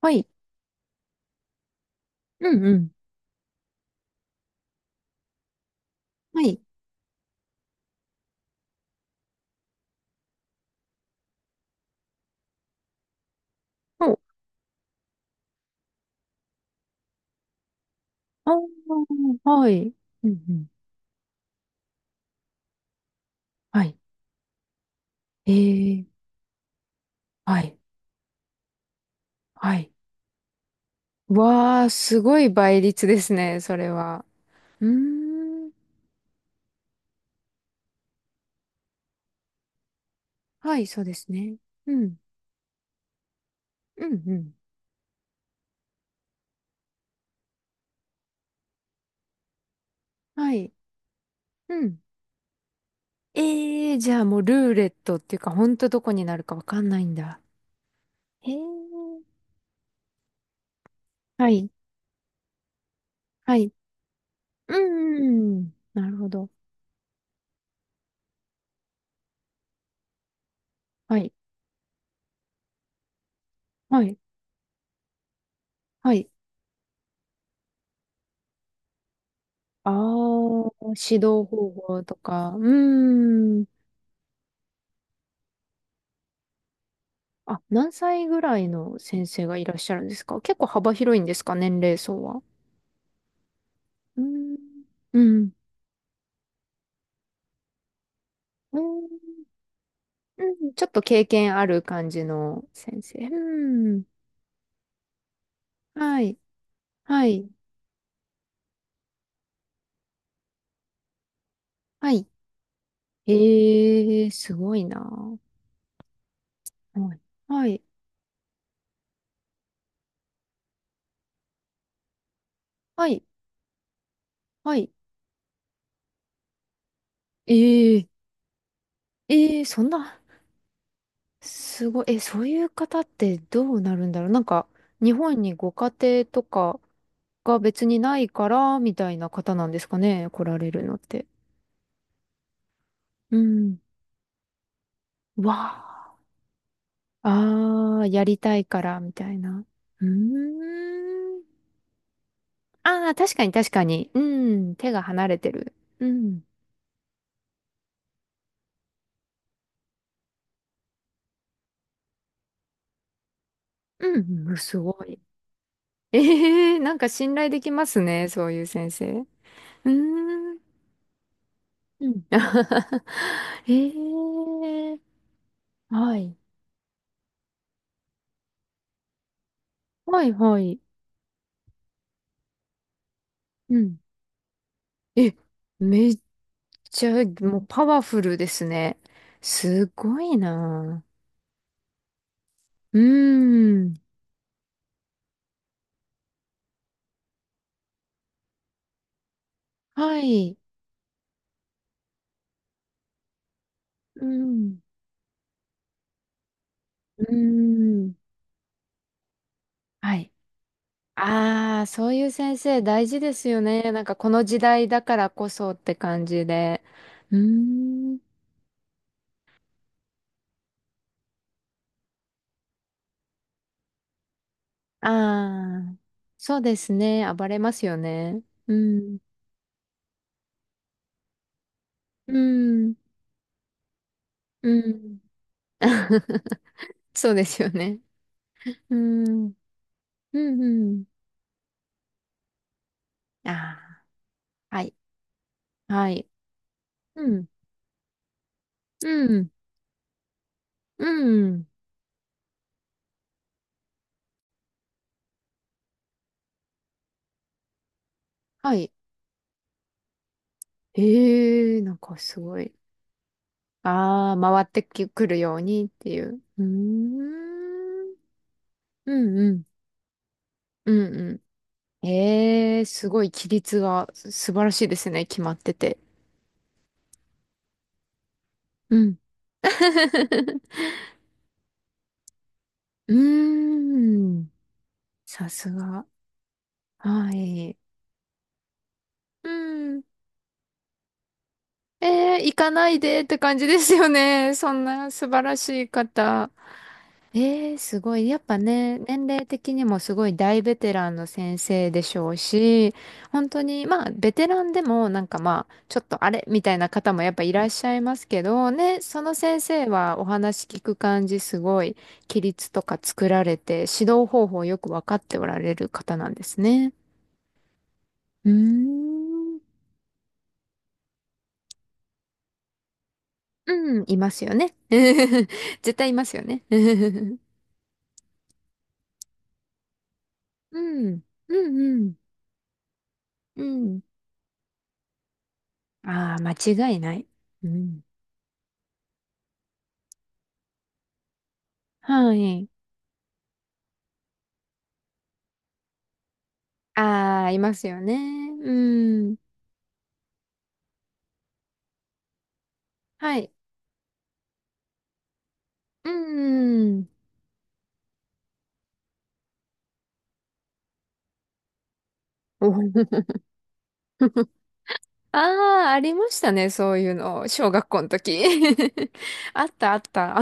はい。うんうん。はい。お、ああ、はい。うんうん。はい。ええ、はい。はい。わあ、すごい倍率ですね、それは。うーん。はい、そうですね。うん。うんうん。はい。うん。ええ、じゃあもうルーレットっていうか、ほんとどこになるかわかんないんだ。へえ。はい。はい。うんうんうん。なるほど。はい。はい。はい。ああ、指導方法とか。うーん。あ、何歳ぐらいの先生がいらっしゃるんですか？結構幅広いんですか、年齢層は？うーん。うん。うーん。うん、ちょっと経験ある感じの先生。うん。はい。はい。はい。ええー、すごいな。はい。はい。はい。はい。ええー、ええー、そんなすごい。え、そういう方ってどうなるんだろう。なんか、日本にご家庭とかが別にないから、みたいな方なんですかね、来られるのって。うん。わあ。ああ、やりたいから、みたいな。うーん。ああ、確かに確かに。うん。手が離れてる。うん。うん。うん、すごい。ええ、なんか信頼できますね、そういう先生。うーん。うん。ええ、はい。はいはい。うん。え、めっちゃ、もうパワフルですね。すごいなあ。うーん。はい。うん。うーん。はい。ああ、そういう先生大事ですよね。なんかこの時代だからこそって感じで。うーん。ああ、そうですね。暴れますよね。うん。うん。うん。そうですよね。うん。うんうん。ああ、はい。はい。うん。うん。うん。はい。へえ、なんかすごい。ああ、回ってきくるようにっていう。うーん。うんうん。うんうん。ええ、すごい規律が素晴らしいですね。決まってて。うん。うーん。さすが。はい。うん。えー、行かないでって感じですよね。そんな素晴らしい方。えー、すごい。やっぱね、年齢的にもすごい大ベテランの先生でしょうし、本当に、まあ、ベテランでも、なんかまあ、ちょっとあれみたいな方もやっぱいらっしゃいますけど、ね、その先生はお話聞く感じ、すごい、規律とか作られて、指導方法よくわかっておられる方なんですね。うーん。うん、いますよね。絶対いますよね。うん、うん、うん、うん。ああ、間違いない。うん。はい。ああ、いますよね。うん。はい。うん。お。 ああ、ありましたね。そういうの。小学校の時。あった、あった。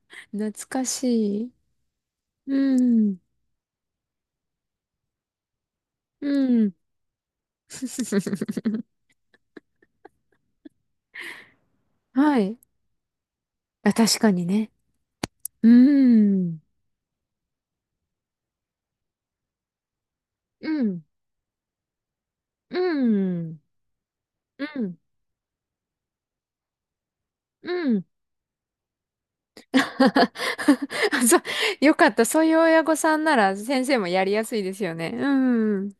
懐かしい。うん。うん。はい。あ、確かにね。うん。うん。うん。うん。うん。あそう、よかった。そういう親御さんなら先生もやりやすいですよね。うん。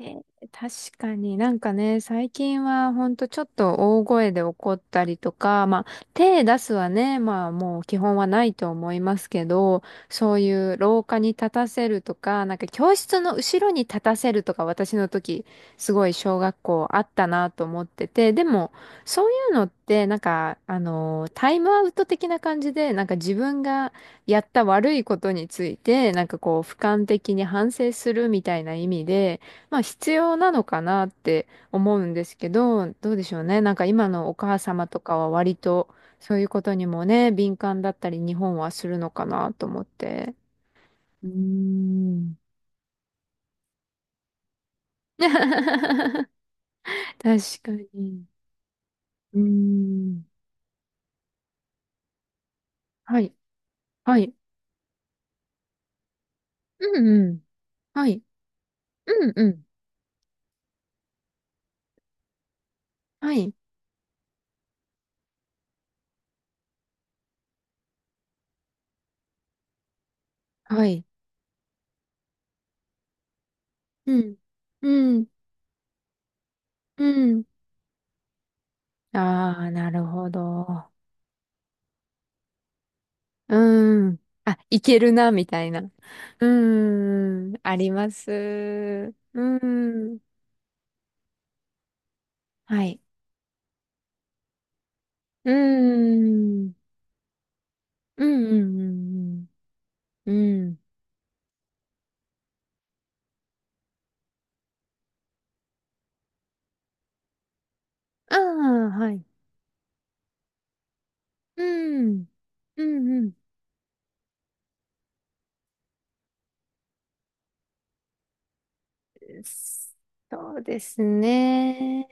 えー確かになんかね、最近はほんとちょっと大声で怒ったりとか、まあ手出すはね、まあもう基本はないと思いますけど、そういう廊下に立たせるとか、なんか教室の後ろに立たせるとか、私の時すごい小学校あったなと思ってて、でもそういうのってなんかあの、タイムアウト的な感じで、なんか自分がやった悪いことについて、なんかこう俯瞰的に反省するみたいな意味で、まあ必要なのかなって思うんですけど、どうでしょうね。なんか今のお母様とかは割とそういうことにもね、敏感だったり日本はするのかなと思って。うーん、確かに。うーん。はい。はい。うんうん。はい。うんうん。はい。はい。うん。うん。うん。ああ、なるほど。うん。あ、いけるな、みたいな。うん。あります。うん。はい。うん。うん、うん、うん。うん。う、ああ、はい。うん。うん、うん。そうですね。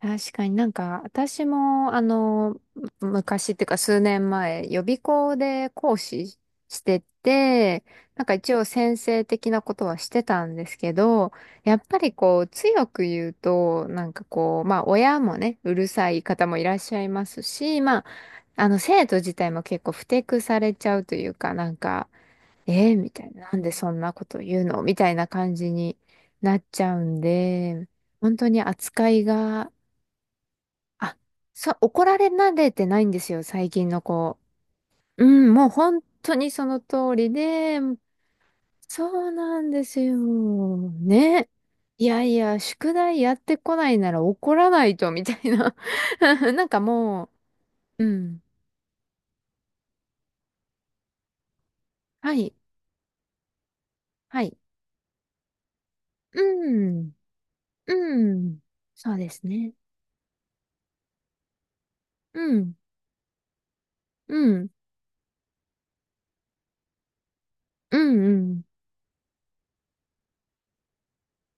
確かになんか、私も、あの、昔っていうか数年前、予備校で講師してて、なんか一応先生的なことはしてたんですけど、やっぱりこう、強く言うと、なんかこう、まあ親もね、うるさい方もいらっしゃいますし、まあ、あの、生徒自体も結構不適されちゃうというか、なんか、えー、みたいな、なんでそんなこと言うのみたいな感じになっちゃうんで、本当に扱いが、あ、そう、怒られ慣れてないんですよ、最近の子。うん、もう本当にその通りで、そうなんですよ。ね。いやいや、宿題やってこないなら怒らないと、みたいな。なんかもう、うん。はい、はい。うん、うん。そうですね。うん、うん、うん、うん。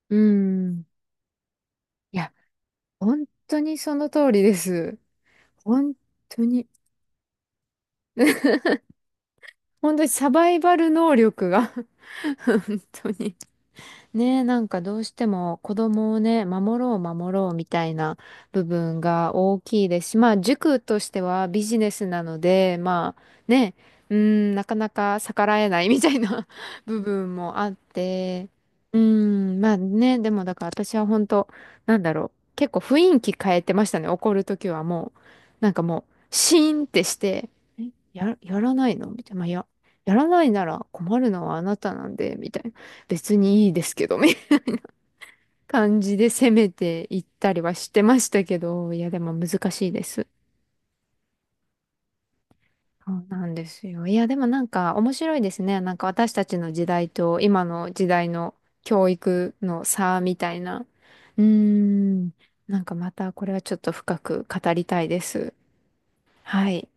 うん。いや、本当にその通りです。本当に。本当にサバイバル能力が。 本当にねえ、なんかどうしても子供をね、守ろう守ろうみたいな部分が大きいですし、まあ塾としてはビジネスなので、まあね、うーん、なかなか逆らえない みたいな 部分もあって、うーん、まあね、でもだから私は本当、なんだろう、結構雰囲気変えてましたね、怒るときはもう。なんかもう、シーンってして、え、やらないのみたいな、まあ、やらないなら困るのはあなたなんで、みたいな。別にいいですけど、みたいな感じで攻めていったりはしてましたけど、いや、でも難しいです。そうなんですよ。いや、でもなんか面白いですね。なんか私たちの時代と今の時代の教育の差みたいな。うーん。なんかまたこれはちょっと深く語りたいです。はい。